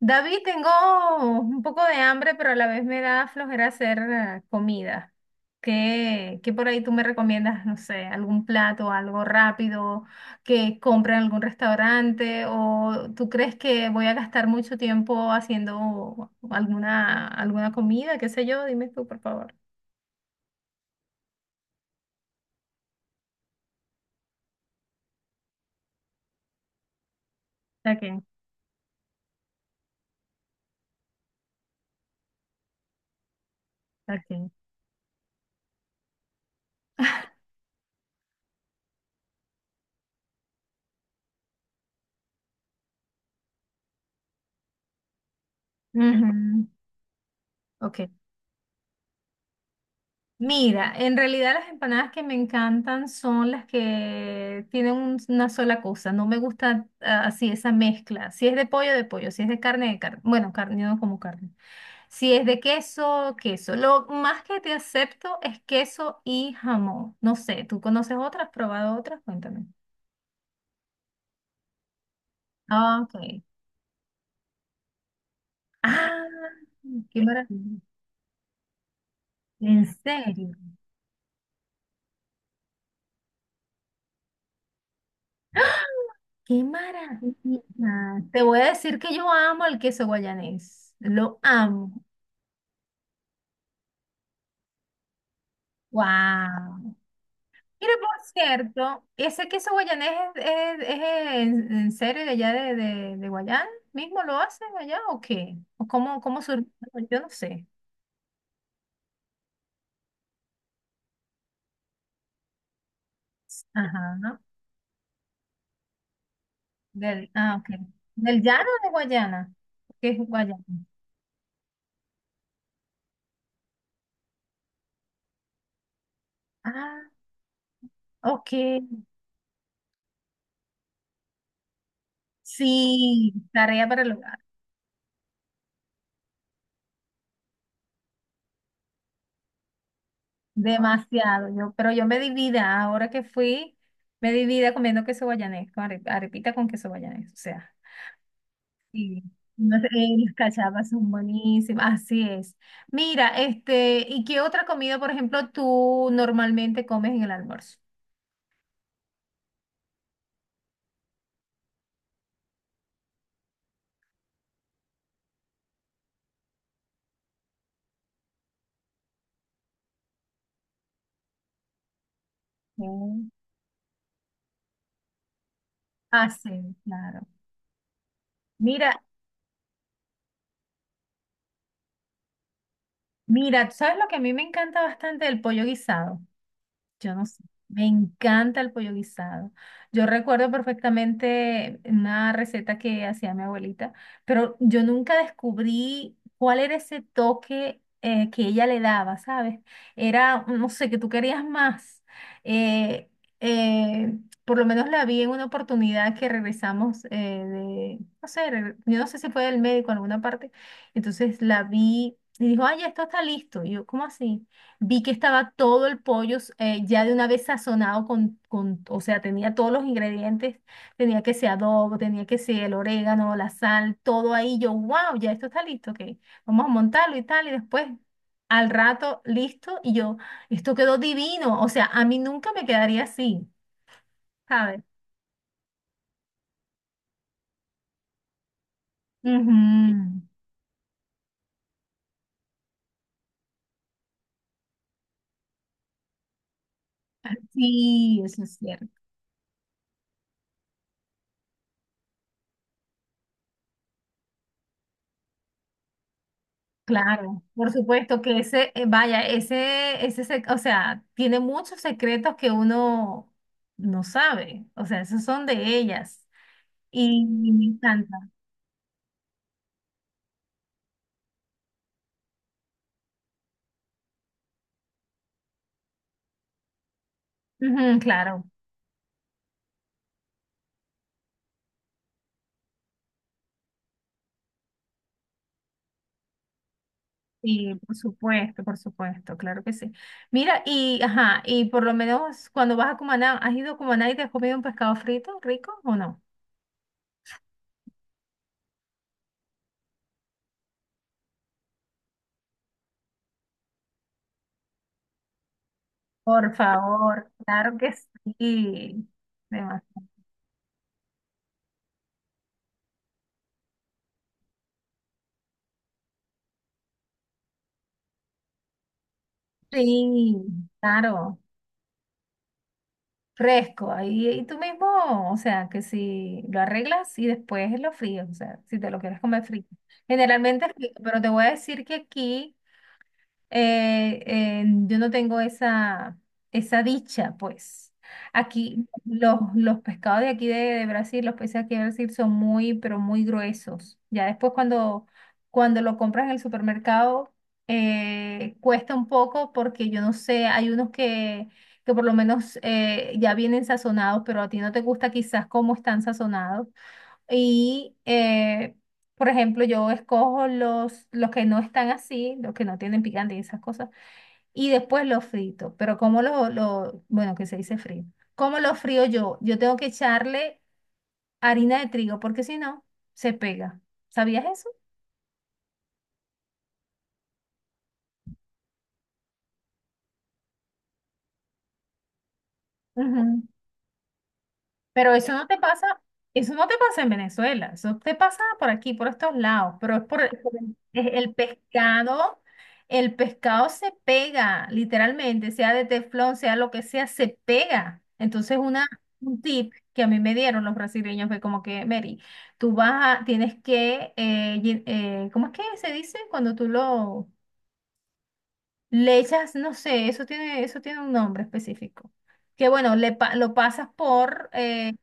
David, tengo un poco de hambre, pero a la vez me da flojera hacer comida. ¿Qué por ahí tú me recomiendas? No sé, algún plato, algo rápido que compre en algún restaurante o tú crees que voy a gastar mucho tiempo haciendo alguna comida, qué sé yo, dime tú, por favor. Ok, ok. Ujú. Ok. Mira, en realidad las empanadas que me encantan son las que tienen una sola cosa. No me gusta así esa mezcla. Si es de pollo, de pollo. Si es de carne, de carne. Bueno, carne, yo no como carne. Si es de queso, queso. Lo más que te acepto es queso y jamón. No sé, ¿tú conoces otras? ¿Has ¿Probado otras? Cuéntame. Ah, ok. Ah, qué maravilla. ¿En serio? ¡Qué maravilla! Te voy a decir que yo amo el queso guayanés. Lo amo. Wow. Mira, por cierto, ese queso guayanés es, es en serio de allá de Guayán, ¿mismo lo hacen allá o qué? ¿O cómo? Yo no sé. Ajá, ¿no? Del, ok. ¿Del llano o de Guayana? ¿Qué es Guayana? Ah, ok. Sí, tarea para el hogar. Demasiado. Pero yo me divida, ahora que fui, me divida comiendo queso guayanés, con arepita con queso guayanés, o sea. Sí, no sé, las cachapas son buenísimas, así es. Mira, ¿y qué otra comida, por ejemplo, tú normalmente comes en el almuerzo? Mm. Ah, sí, claro. Mira, mira, ¿tú ¿sabes lo que a mí me encanta bastante? El pollo guisado. Yo no sé. Me encanta el pollo guisado. Yo recuerdo perfectamente una receta que hacía mi abuelita, pero yo nunca descubrí cuál era ese toque que ella le daba, ¿sabes? Era, no sé, que tú querías más. Eh, eh, por lo menos la vi en una oportunidad que regresamos de, no sé, yo no sé si fue del médico en alguna parte. Entonces la vi y dijo, ay, ya esto está listo. Y yo, ¿cómo así? Vi que estaba todo el pollo ya de una vez sazonado con, o sea, tenía todos los ingredientes, tenía que ser adobo, tenía que ser el orégano, la sal, todo ahí. Yo, wow, ya esto está listo, ok, vamos a montarlo y tal, y después al rato listo, y yo, esto quedó divino, o sea, a mí nunca me quedaría así, ¿sabes? Ujú. Sí, eso es cierto. Claro, por supuesto que ese, vaya, ese, o sea, tiene muchos secretos que uno no sabe, o sea, esos son de ellas y me encanta. Ujú, claro, sí, por supuesto, claro que sí. Mira, y, ajá, y por lo menos cuando vas a Cumaná, ¿has ido a Cumaná y te has comido un pescado frito rico o no? Por favor, claro que sí. Demasi-. Sí, claro. Fresco, ahí y tú mismo, o sea, que si lo arreglas y después lo fríes, o sea, si te lo quieres comer frío. Generalmente es frito, pero te voy a decir que aquí yo no tengo esa dicha, pues. Aquí los pescados de aquí de Brasil, los peces aquí de Brasil son muy, pero muy gruesos. Ya después cuando lo compras en el supermercado, cuesta un poco porque yo no sé, hay unos que por lo menos ya vienen sazonados, pero a ti no te gusta quizás cómo están sazonados. Y, por ejemplo, yo escojo los que no están así, los que no tienen picante y esas cosas, y después los frito. Pero ¿cómo lo, bueno, que se dice frío? ¿Cómo lo frío yo? Yo tengo que echarle harina de trigo porque si no, se pega. ¿Sabías eso? Ujú. Pero eso no te pasa, eso no te pasa en Venezuela, eso te pasa por aquí, por estos lados, pero es el pescado, el pescado se pega, literalmente, sea de teflón, sea lo que sea, se pega. Entonces un tip que a mí me dieron los brasileños fue como que, Mary, tienes que, ¿cómo es que se dice? Cuando tú le echas, no sé, eso tiene un nombre específico que bueno, lo pasas por.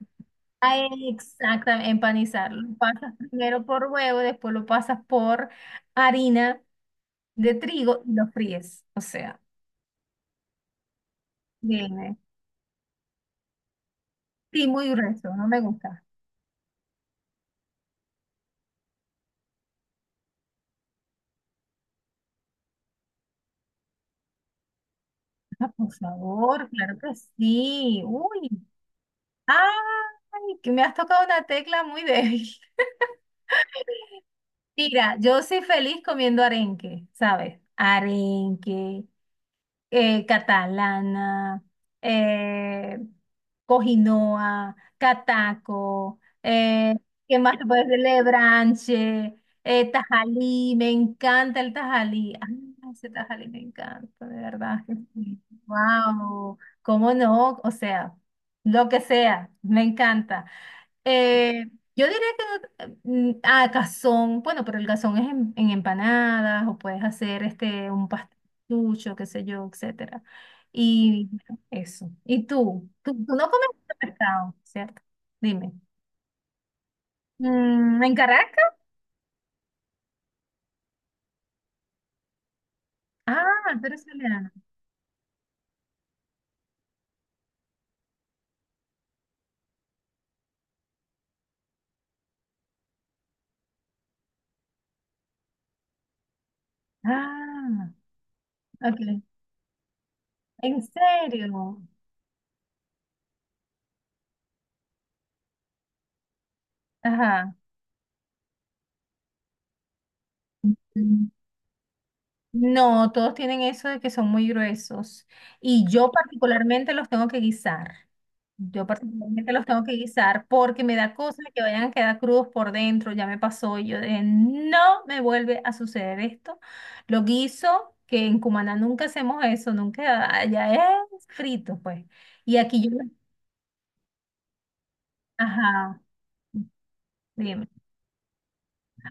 Exacto, empanizarlo. Lo pasas primero por huevo, después lo pasas por harina de trigo y lo fríes. O sea, viene. Sí, muy grueso, no me gusta. Ah, por favor, claro que sí. Uy, ay, que me has tocado una tecla muy débil. Mira, yo soy feliz comiendo arenque, ¿sabes? Arenque, catalana, eh, Cojinoa, Cataco, ¿qué más te puedes decir? Lebranche, Tajalí, me encanta el Tajalí. Ah, ese Tajalí me encanta, de verdad que sí. Wow, ¿cómo no? O sea, lo que sea, me encanta. Eh, yo diría que cazón, bueno, pero el cazón es en empanadas o puedes hacer un pastucho, qué sé yo, etcétera. Y bueno, eso. ¿Y tú? ¿Tú no comes mucho pescado, ¿cierto? Dime. Mm, ¿en Caracas? Ah, tú eres italiana. Ah, ok. ¿En serio? Ajá. No, todos tienen eso de que son muy gruesos. Y yo particularmente los tengo que guisar. Yo particularmente los tengo que guisar porque me da cosa que vayan a quedar crudos por dentro. Ya me pasó y yo de, no me vuelve a suceder esto. Lo guiso, que en Cumaná nunca hacemos eso, nunca, allá es frito, pues. Y aquí yo, ajá, dime.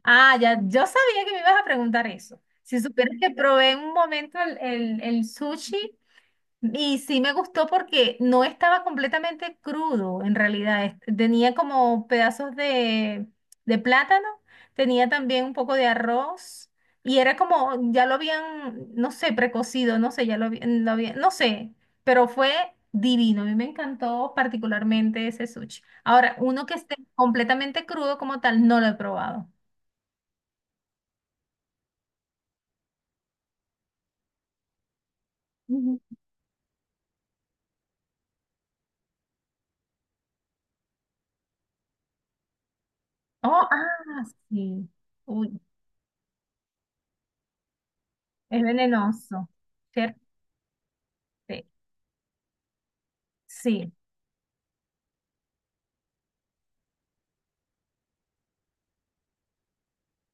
Ah, ya, yo sabía que me ibas a preguntar eso. Si supieras que probé en un momento el sushi. Y sí me gustó porque no estaba completamente crudo, en realidad. Tenía como pedazos de plátano, tenía también un poco de arroz y era como, ya lo habían, no sé, precocido, no sé, lo habían, no sé, pero fue divino. A mí me encantó particularmente ese sushi. Ahora, uno que esté completamente crudo como tal, no lo he probado. Ujú. Oh, sí. Uy, es venenoso, ¿cierto? Sí. Sí.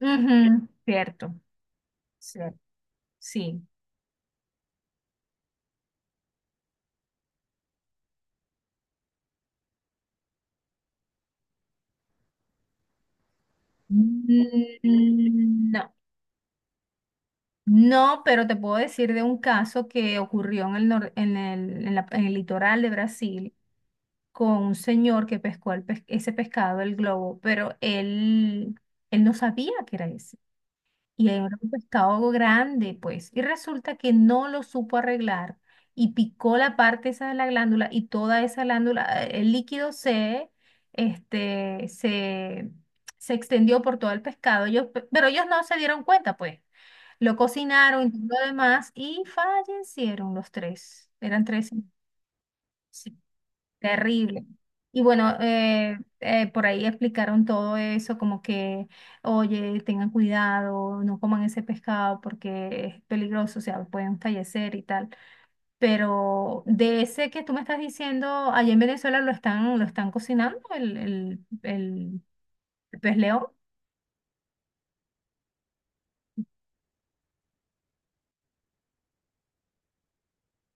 Ujú, cierto, cierto, sí. Mm, no, no, pero te puedo decir de un caso que ocurrió en el, nor- en el, en la- en el litoral de Brasil con un señor que pescó ese pescado, el globo, pero él no sabía que era ese. Y era un pescado grande, pues. Y resulta que no lo supo arreglar y picó la parte esa de la glándula y toda esa glándula, el líquido este, se, se extendió por todo el pescado. Pero ellos no se dieron cuenta, pues. Lo cocinaron y todo lo demás y fallecieron los tres. Eran tres. Terrible. Y bueno, por ahí explicaron todo eso, como que, oye, tengan cuidado, no coman ese pescado porque es peligroso, o sea, pueden fallecer y tal. Pero de ese que tú me estás diciendo, allá en Venezuela lo están cocinando, el pez león.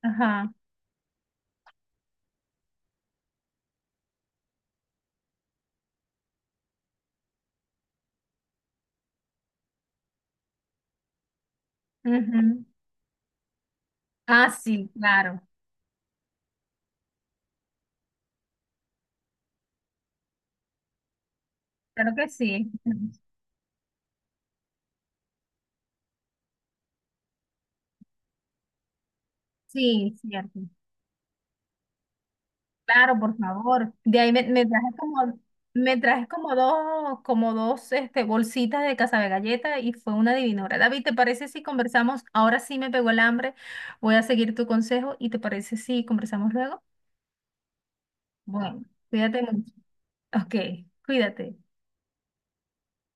Ajá. Ujú. Ah, sí, claro. Claro que sí. Sí, cierto. Claro, por favor. De ahí me trajes como dos bolsitas de casabe galleta y fue una divinora. David, ¿te parece si conversamos? Ahora sí me pegó el hambre. Voy a seguir tu consejo y ¿te parece si conversamos luego? Bueno, cuídate mucho. Ok, cuídate.